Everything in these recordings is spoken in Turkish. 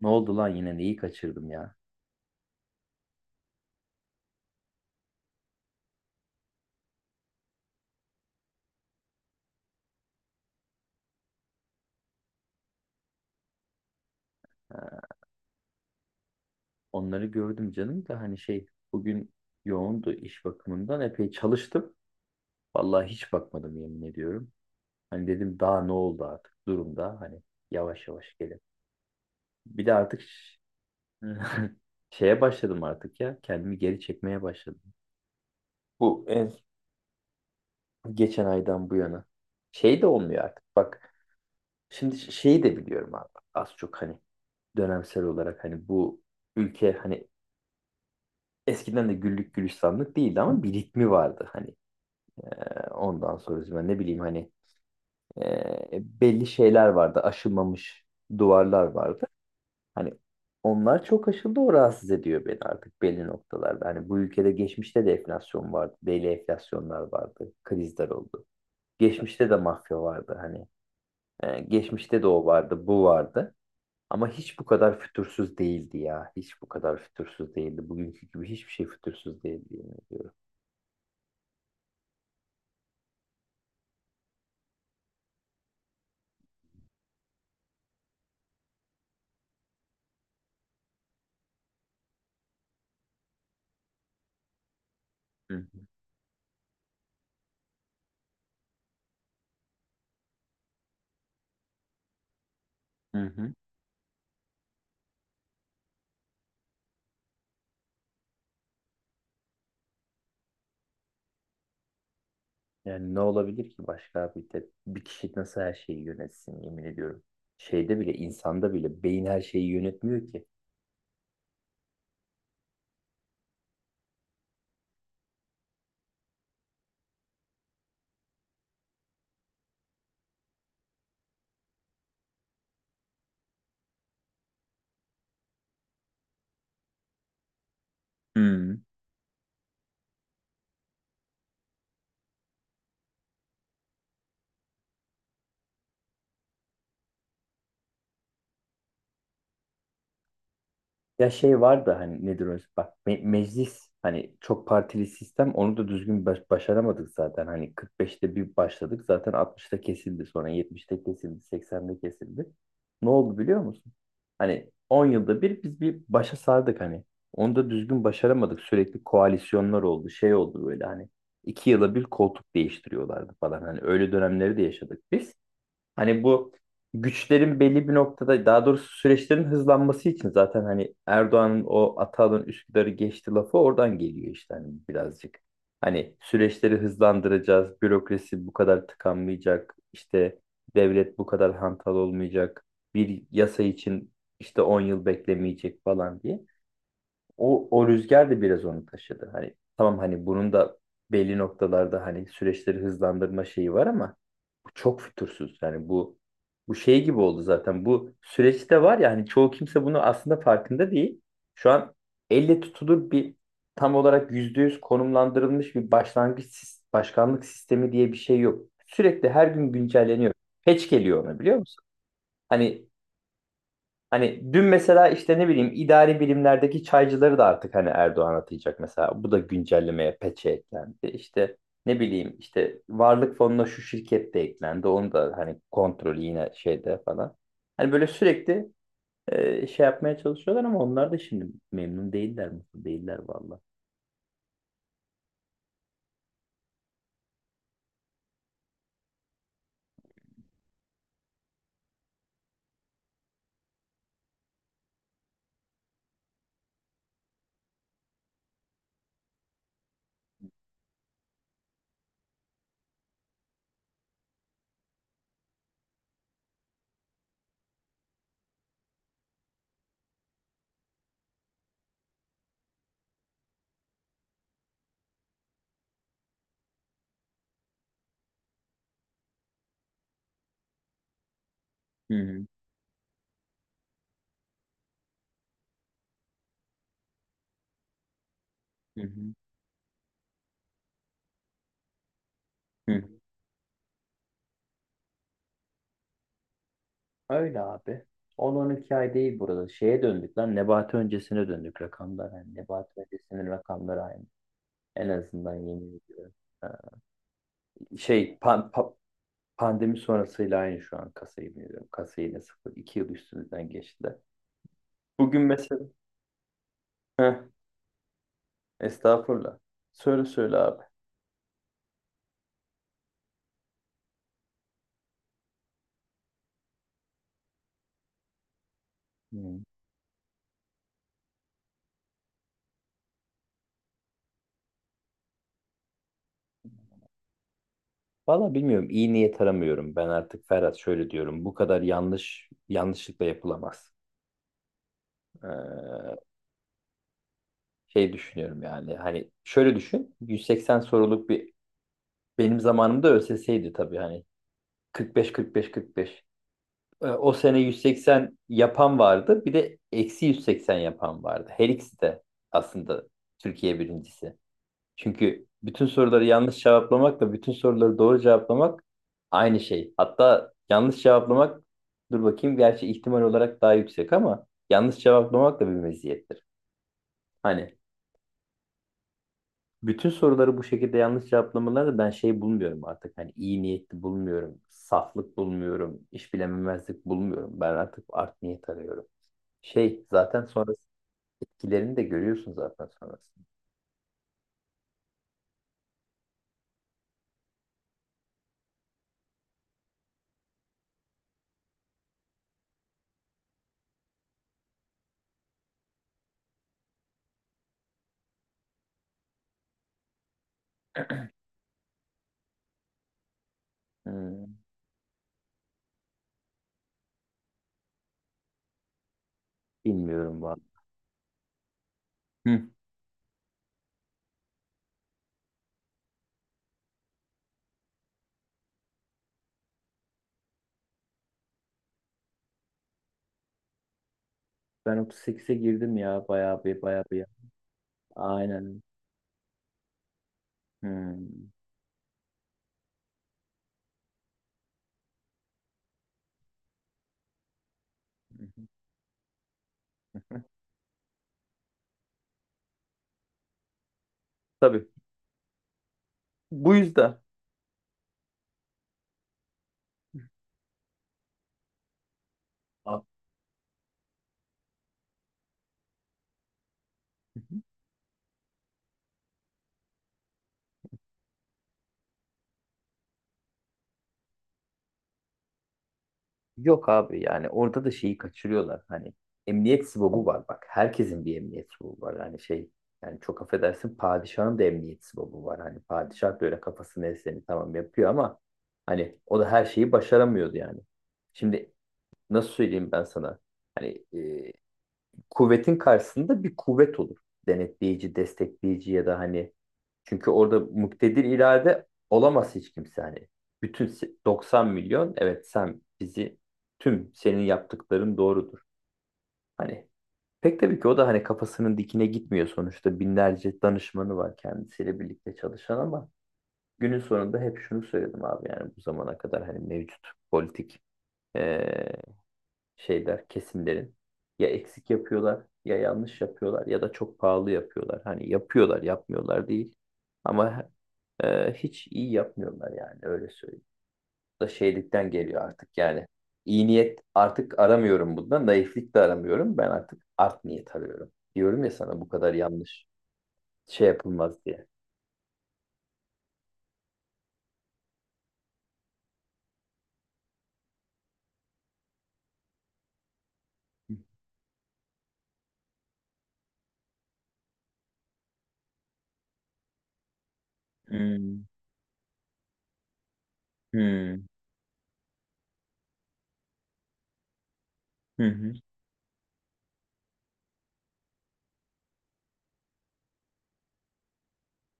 Ne oldu lan yine neyi kaçırdım ya? Onları gördüm canım da hani şey, bugün yoğundu iş bakımından, epey çalıştım. Vallahi hiç bakmadım, yemin ediyorum. Hani dedim daha ne oldu artık durumda hani, yavaş yavaş gelin. Bir de artık şeye başladım artık ya, kendimi geri çekmeye başladım. Bu en geçen aydan bu yana. Şey de olmuyor artık bak, şimdi şeyi de biliyorum abi, az çok hani dönemsel olarak hani bu ülke hani eskiden de güllük gülistanlık değildi ama bir ritmi vardı hani. Ondan sonra ben ne bileyim hani, belli şeyler vardı. Aşılmamış duvarlar vardı. Hani onlar çok aşıldı, o rahatsız ediyor beni artık belli noktalarda. Hani bu ülkede geçmişte de enflasyon vardı. Belli enflasyonlar vardı. Krizler oldu. Geçmişte de mafya vardı hani. Geçmişte de o vardı, bu vardı. Ama hiç bu kadar fütursuz değildi ya. Hiç bu kadar fütursuz değildi. Bugünkü gibi hiçbir şey fütursuz değildi. Yemin ediyorum. Hı. Hı, hı. Yani ne olabilir ki başka, bir de bir kişi nasıl her şeyi yönetsin, yemin ediyorum. Şeyde bile, insanda bile beyin her şeyi yönetmiyor ki. Hı. Ya şey var da hani, nedir o? Bak, meclis hani çok partili sistem, onu da düzgün başaramadık zaten. Hani 45'te bir başladık, zaten 60'ta kesildi, sonra 70'te kesildi, 80'de kesildi. Ne oldu biliyor musun? Hani 10 yılda bir biz bir başa sardık hani. Onu da düzgün başaramadık. Sürekli koalisyonlar oldu. Şey oldu böyle hani. 2 yıla bir koltuk değiştiriyorlardı falan. Hani öyle dönemleri de yaşadık biz. Hani bu güçlerin belli bir noktada, daha doğrusu süreçlerin hızlanması için zaten hani Erdoğan'ın o Atalı'nın Üsküdar'ı geçti lafı oradan geliyor işte hani, birazcık. Hani süreçleri hızlandıracağız, bürokrasi bu kadar tıkanmayacak, işte devlet bu kadar hantal olmayacak, bir yasa için işte 10 yıl beklemeyecek falan diye. O, o rüzgar da biraz onu taşıdı. Hani tamam, hani bunun da belli noktalarda hani süreçleri hızlandırma şeyi var ama çok fütursuz. Yani bu, bu şey gibi oldu zaten. Bu süreçte var ya hani, çoğu kimse bunu aslında farkında değil. Şu an elle tutulur bir, tam olarak %100 konumlandırılmış bir başkanlık sistemi diye bir şey yok. Sürekli her gün güncelleniyor. Patch geliyor ona, biliyor musun? Hani Hani dün mesela işte ne bileyim, idari bilimlerdeki çaycıları da artık hani Erdoğan atayacak mesela. Bu da güncellemeye peçe eklendi. İşte ne bileyim işte varlık fonuna şu şirket de eklendi. Onu da hani kontrolü yine şeyde falan. Hani böyle sürekli şey yapmaya çalışıyorlar ama onlar da şimdi memnun değiller, mutlu değiller valla. Hı hı, hı hı, hı. Öyle abi. 10-12 ay değil burada. Şeye döndük lan. Nebati öncesine döndük rakamlar. Yani Nebati öncesinin rakamları aynı. En azından, yemin ediyorum. Ha. Şey pan- pa- Pandemi sonrasıyla aynı şu an, kasa, yemin ediyorum. Kasa yine sıfır. 2 yıl üstünden geçtiler. Bugün mesela, heh, estağfurullah. Söyle söyle abi. Hmm. Valla bilmiyorum. İyi niyet aramıyorum. Ben artık Ferhat şöyle diyorum. Bu kadar yanlış yanlışlıkla yapılamaz. Ee, Şey düşünüyorum yani. Hani şöyle düşün. 180 soruluk bir, benim zamanımda ÖSS'ydi tabii hani. 45 45 45. O sene 180 yapan vardı. Bir de eksi 180 yapan vardı. Her ikisi de aslında Türkiye birincisi. Çünkü bütün soruları yanlış cevaplamakla bütün soruları doğru cevaplamak aynı şey. Hatta yanlış cevaplamak, dur bakayım, gerçi ihtimal olarak daha yüksek, ama yanlış cevaplamak da bir meziyettir. Hani bütün soruları bu şekilde yanlış cevaplamaları ben şey bulmuyorum artık. Hani iyi niyetli bulmuyorum, saflık bulmuyorum, iş bilememezlik bulmuyorum. Ben artık art niyet arıyorum. Şey zaten sonrası, etkilerini de görüyorsun zaten sonrasında. Hmm, bilmiyorum vallahi. Hı. Ben 38'e girdim ya, bayağı bir, bayağı bir. Aynen. Hmm. Tabii. Bu yüzden. A- Yok abi, yani orada da şeyi kaçırıyorlar hani, emniyet sibobu var bak, herkesin bir emniyet sibobu var hani şey, yani çok affedersin padişahın da emniyet sibobu var hani, padişah böyle kafasını eseni tamam yapıyor ama hani o da her şeyi başaramıyordu yani. Şimdi nasıl söyleyeyim ben sana? Hani, kuvvetin karşısında bir kuvvet olur. Denetleyici, destekleyici ya da hani, çünkü orada muktedir irade olamaz hiç kimse hani. 90 milyon evet, sen bizi, tüm senin yaptıkların doğrudur. Hani pek tabii ki o da hani kafasının dikine gitmiyor, sonuçta binlerce danışmanı var kendisiyle birlikte çalışan ama günün sonunda hep şunu söyledim abi, yani bu zamana kadar hani mevcut politik şeyler, kesimlerin ya eksik yapıyorlar, ya yanlış yapıyorlar, ya da çok pahalı yapıyorlar. Hani yapıyorlar, yapmıyorlar değil. Ama hiç iyi yapmıyorlar yani, öyle söyleyeyim. Bu da şeylikten geliyor artık yani. İyi niyet artık aramıyorum bundan. Naiflik de aramıyorum. Ben artık art niyet arıyorum. Diyorum ya sana, bu kadar yanlış şey yapılmaz diye. Hmm, hmm, hı hı,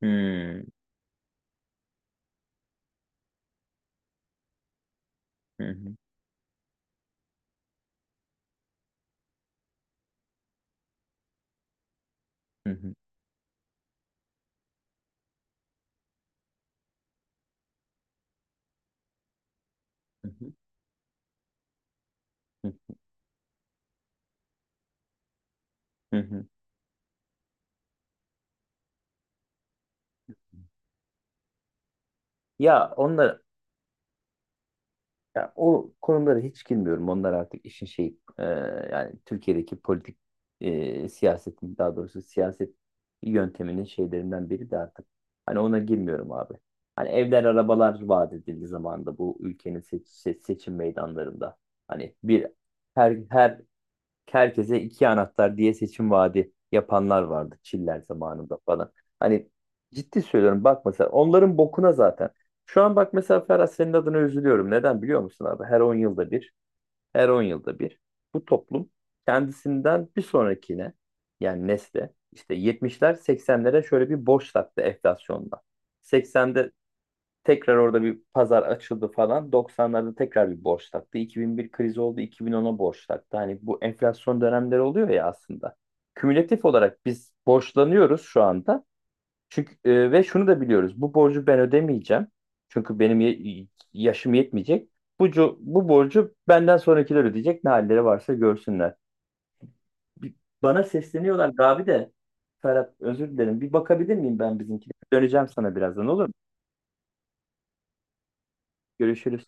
hmm, hı hı, hı hı, hı hı, hı hı. Ya onlar Ya o konulara hiç girmiyorum. Onlar artık işin şey, yani Türkiye'deki politik, siyasetin daha doğrusu siyaset yönteminin şeylerinden biri de artık. Hani ona girmiyorum abi. Hani evler arabalar vaat edildiği zaman da bu ülkenin seçim meydanlarında hani bir, her her herkese iki anahtar diye seçim vaadi yapanlar vardı Çiller zamanında falan. Hani ciddi söylüyorum bak mesela, onların bokuna zaten. Şu an bak mesela Ferhat, senin adına üzülüyorum. Neden biliyor musun abi? Her 10 yılda bir, her 10 yılda bir bu toplum kendisinden bir sonrakine, yani nesle işte 70'ler 80'lere şöyle bir boş taktı enflasyonda. 80'de tekrar orada bir pazar açıldı falan. 90'larda tekrar bir borç taktı. 2001 krizi oldu, 2010'a borç taktı. Hani bu enflasyon dönemleri oluyor ya aslında. Kümülatif olarak biz borçlanıyoruz şu anda. Çünkü ve şunu da biliyoruz. Bu borcu ben ödemeyeceğim. Çünkü benim yaşım yetmeyecek. Bu, bu borcu benden sonrakiler ödeyecek. Ne halleri varsa görsünler. Bir- Bana sesleniyorlar abi de. Ferhat özür dilerim. Bir bakabilir miyim ben bizimkine? Döneceğim sana birazdan, olur mu? Görüşürüz.